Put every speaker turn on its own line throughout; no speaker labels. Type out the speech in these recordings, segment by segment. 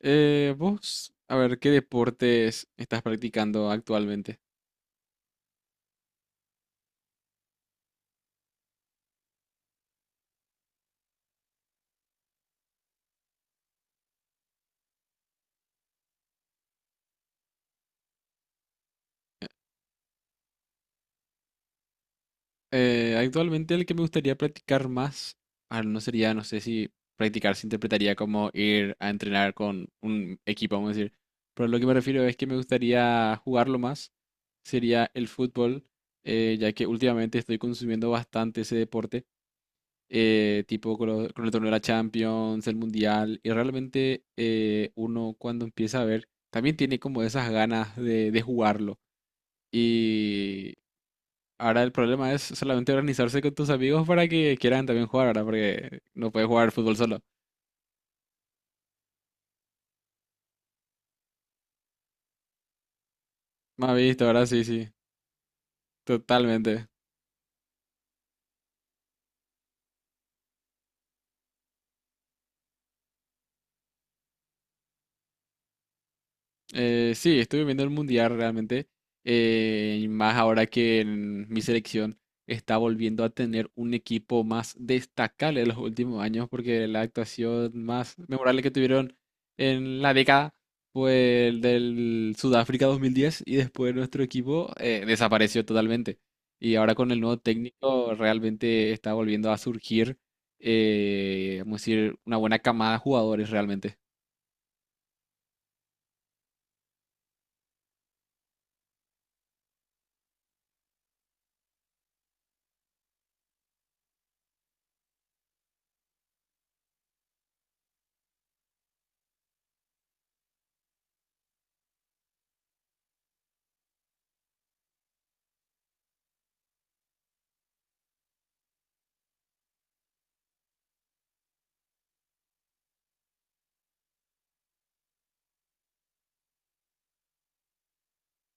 Vos, a ver, ¿qué deportes estás practicando actualmente? Actualmente el que me gustaría practicar más, no sería, no sé si practicar se interpretaría como ir a entrenar con un equipo, vamos a decir. Pero lo que me refiero es que me gustaría jugarlo más, sería el fútbol, ya que últimamente estoy consumiendo bastante ese deporte. Tipo con, con el torneo de la Champions, el Mundial, y realmente uno cuando empieza a ver, también tiene como esas ganas de jugarlo. Y ahora el problema es solamente organizarse con tus amigos para que quieran también jugar ahora, porque no puedes jugar fútbol solo. Me has visto, ahora sí, sí, totalmente. Sí, estuve viendo el mundial realmente. Y más ahora que en mi selección está volviendo a tener un equipo más destacable en los últimos años, porque la actuación más memorable que tuvieron en la década fue el del Sudáfrica 2010 y después nuestro equipo desapareció totalmente. Y ahora con el nuevo técnico realmente está volviendo a surgir, vamos a decir, una buena camada de jugadores realmente.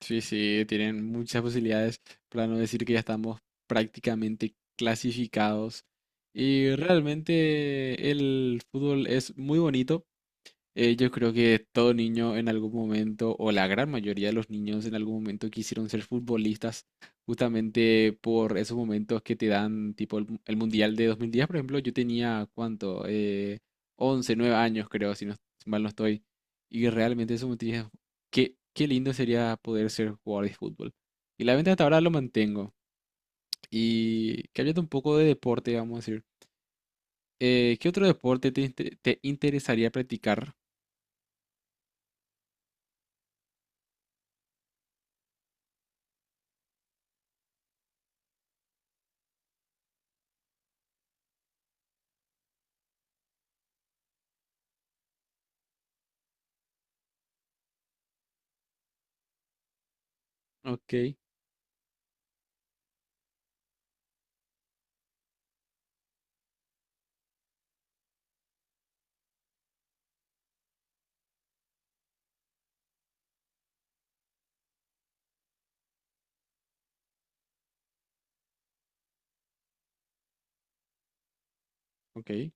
Sí, sí, tienen muchas posibilidades, para no decir que ya estamos prácticamente clasificados. Y realmente el fútbol es muy bonito. Yo creo que todo niño en algún momento, o la gran mayoría de los niños en algún momento quisieron ser futbolistas, justamente por esos momentos que te dan, tipo el, el Mundial de 2010, por ejemplo, yo tenía, ¿cuánto? 11, 9 años creo, si no, si mal no estoy. Y realmente eso me tenía, qué, qué lindo sería poder ser jugador de fútbol. Y la venta hasta ahora lo mantengo. Y cambiando un poco de deporte, vamos a decir. ¿Qué otro deporte te, te interesaría practicar? Ok, ok.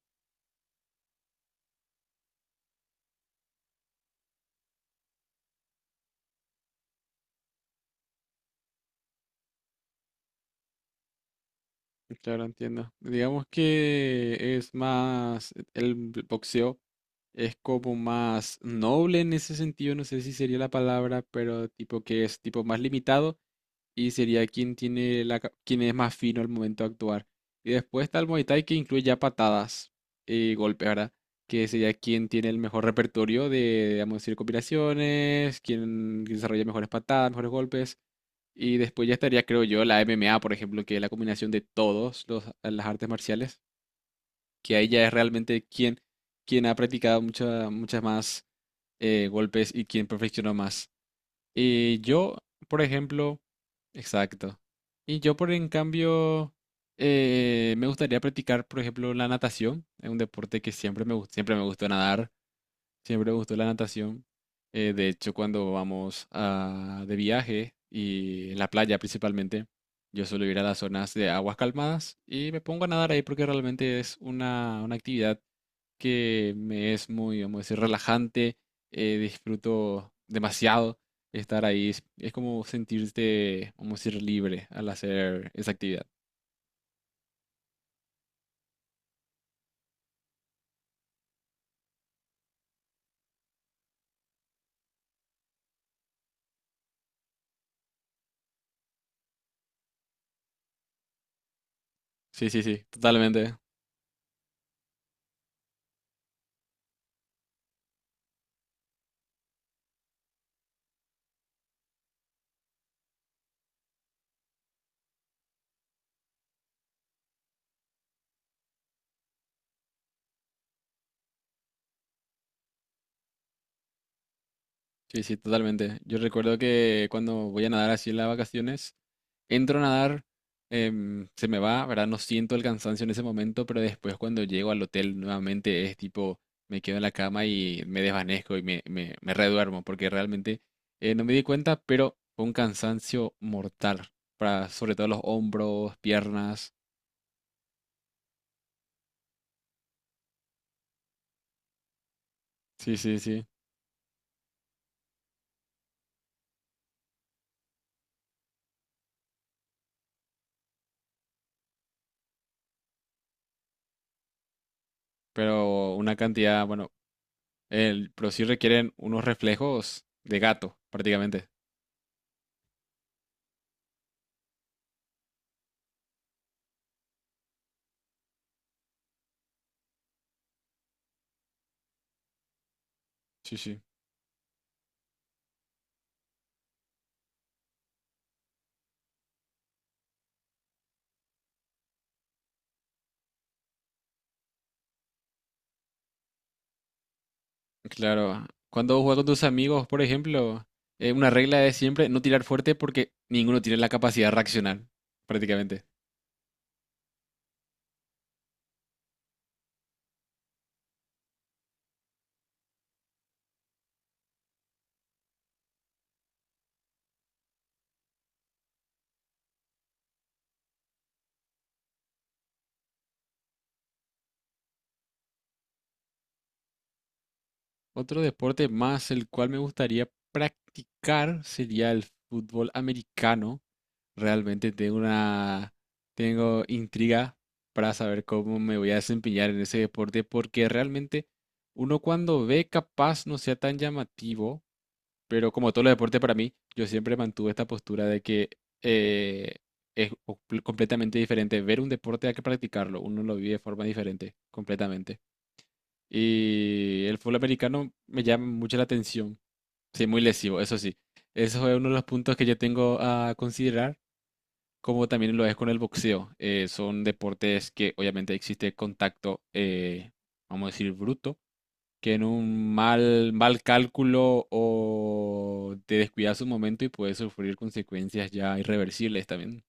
Claro, entiendo. Digamos que es más, e, el boxeo es como más noble en ese sentido, no sé si sería la palabra, pero tipo que es tipo más limitado y sería quien tiene la, quien es más fino al momento de actuar. Y después está el Muay Thai que incluye ya patadas y golpes, ¿verdad? Que sería quien tiene el mejor repertorio de, vamos a decir, combinaciones, quien desarrolla mejores patadas, mejores golpes. Y después ya estaría, creo yo, la MMA, por ejemplo, que es la combinación de todos los, las artes marciales, que ahí ya es realmente quien, quien ha practicado muchas más golpes y quien perfeccionó más. Y yo, por ejemplo, exacto. Y yo, por en cambio, me gustaría practicar, por ejemplo, la natación. Es un deporte que siempre me, siempre me gustó nadar. Siempre me gustó la natación. De hecho, cuando de viaje y en la playa principalmente, yo suelo ir a las zonas de aguas calmadas y me pongo a nadar ahí porque realmente es una actividad que me es muy, vamos a decir, relajante. Disfruto demasiado estar ahí. Es como sentirte, vamos a decir, libre al hacer esa actividad. Sí, sí, sí, totalmente. Sí, sí, totalmente. Yo recuerdo que cuando voy a nadar así en las vacaciones, entro a nadar, se me va, ¿verdad? No siento el cansancio en ese momento, pero después cuando llego al hotel nuevamente es tipo, me quedo en la cama y me desvanezco y me, me reduermo, porque realmente no me di cuenta, pero fue un cansancio mortal, para sobre todo los hombros, piernas, sí, sí, sí, pero una cantidad, bueno, el, pero sí requieren unos reflejos de gato, prácticamente. Sí, sí. Claro, cuando juegas con tus amigos, por ejemplo, una regla es siempre no tirar fuerte porque ninguno tiene la capacidad de reaccionar, prácticamente. Otro deporte más el cual me gustaría practicar sería el fútbol americano. Realmente tengo una, tengo intriga para saber cómo me voy a desempeñar en ese deporte porque realmente uno cuando ve capaz no sea tan llamativo, pero como todos los deportes para mí, yo siempre mantuve esta postura de que eh, es completamente diferente ver un deporte a que practicarlo. Uno lo vive de forma diferente, completamente. Y el fútbol americano me llama mucho la atención. Sí, muy lesivo, eso sí. Eso es uno de los puntos que yo tengo a considerar, como también lo es con el boxeo. Son deportes que obviamente existe contacto, vamos a decir, bruto que en un mal, mal cálculo o te descuidas un momento y puedes sufrir consecuencias ya irreversibles también.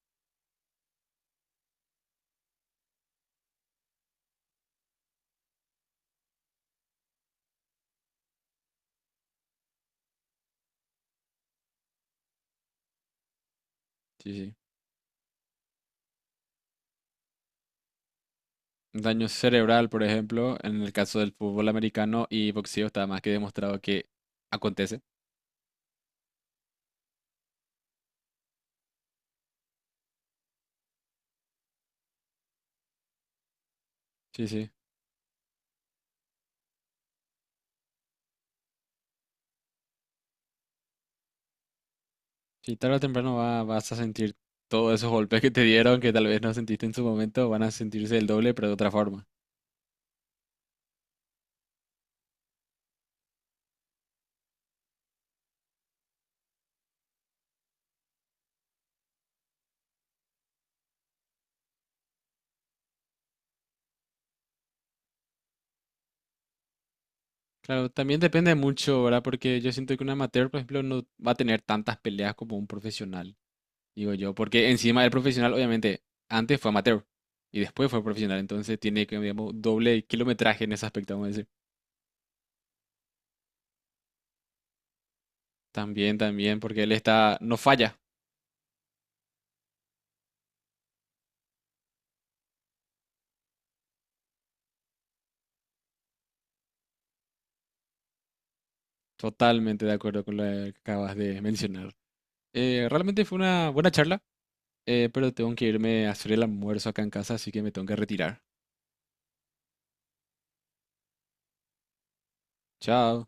Sí, sí. Un daño cerebral, por ejemplo, en el caso del fútbol americano y boxeo está más que demostrado que acontece. Sí, sí. Sí, tarde o temprano vas a sentir todos esos golpes que te dieron, que tal vez no sentiste en su momento, van a sentirse el doble, pero de otra forma. Claro, también depende mucho, ¿verdad? Porque yo siento que un amateur, por ejemplo, no va a tener tantas peleas como un profesional. Digo yo, porque encima el profesional, obviamente, antes fue amateur y después fue profesional, entonces tiene que, digamos, doble kilometraje en ese aspecto, vamos a decir. También, también, porque él está, no falla, totalmente de acuerdo con lo que acabas de mencionar. Realmente fue una buena charla, pero tengo que irme a hacer el almuerzo acá en casa, así que me tengo que retirar. Chao.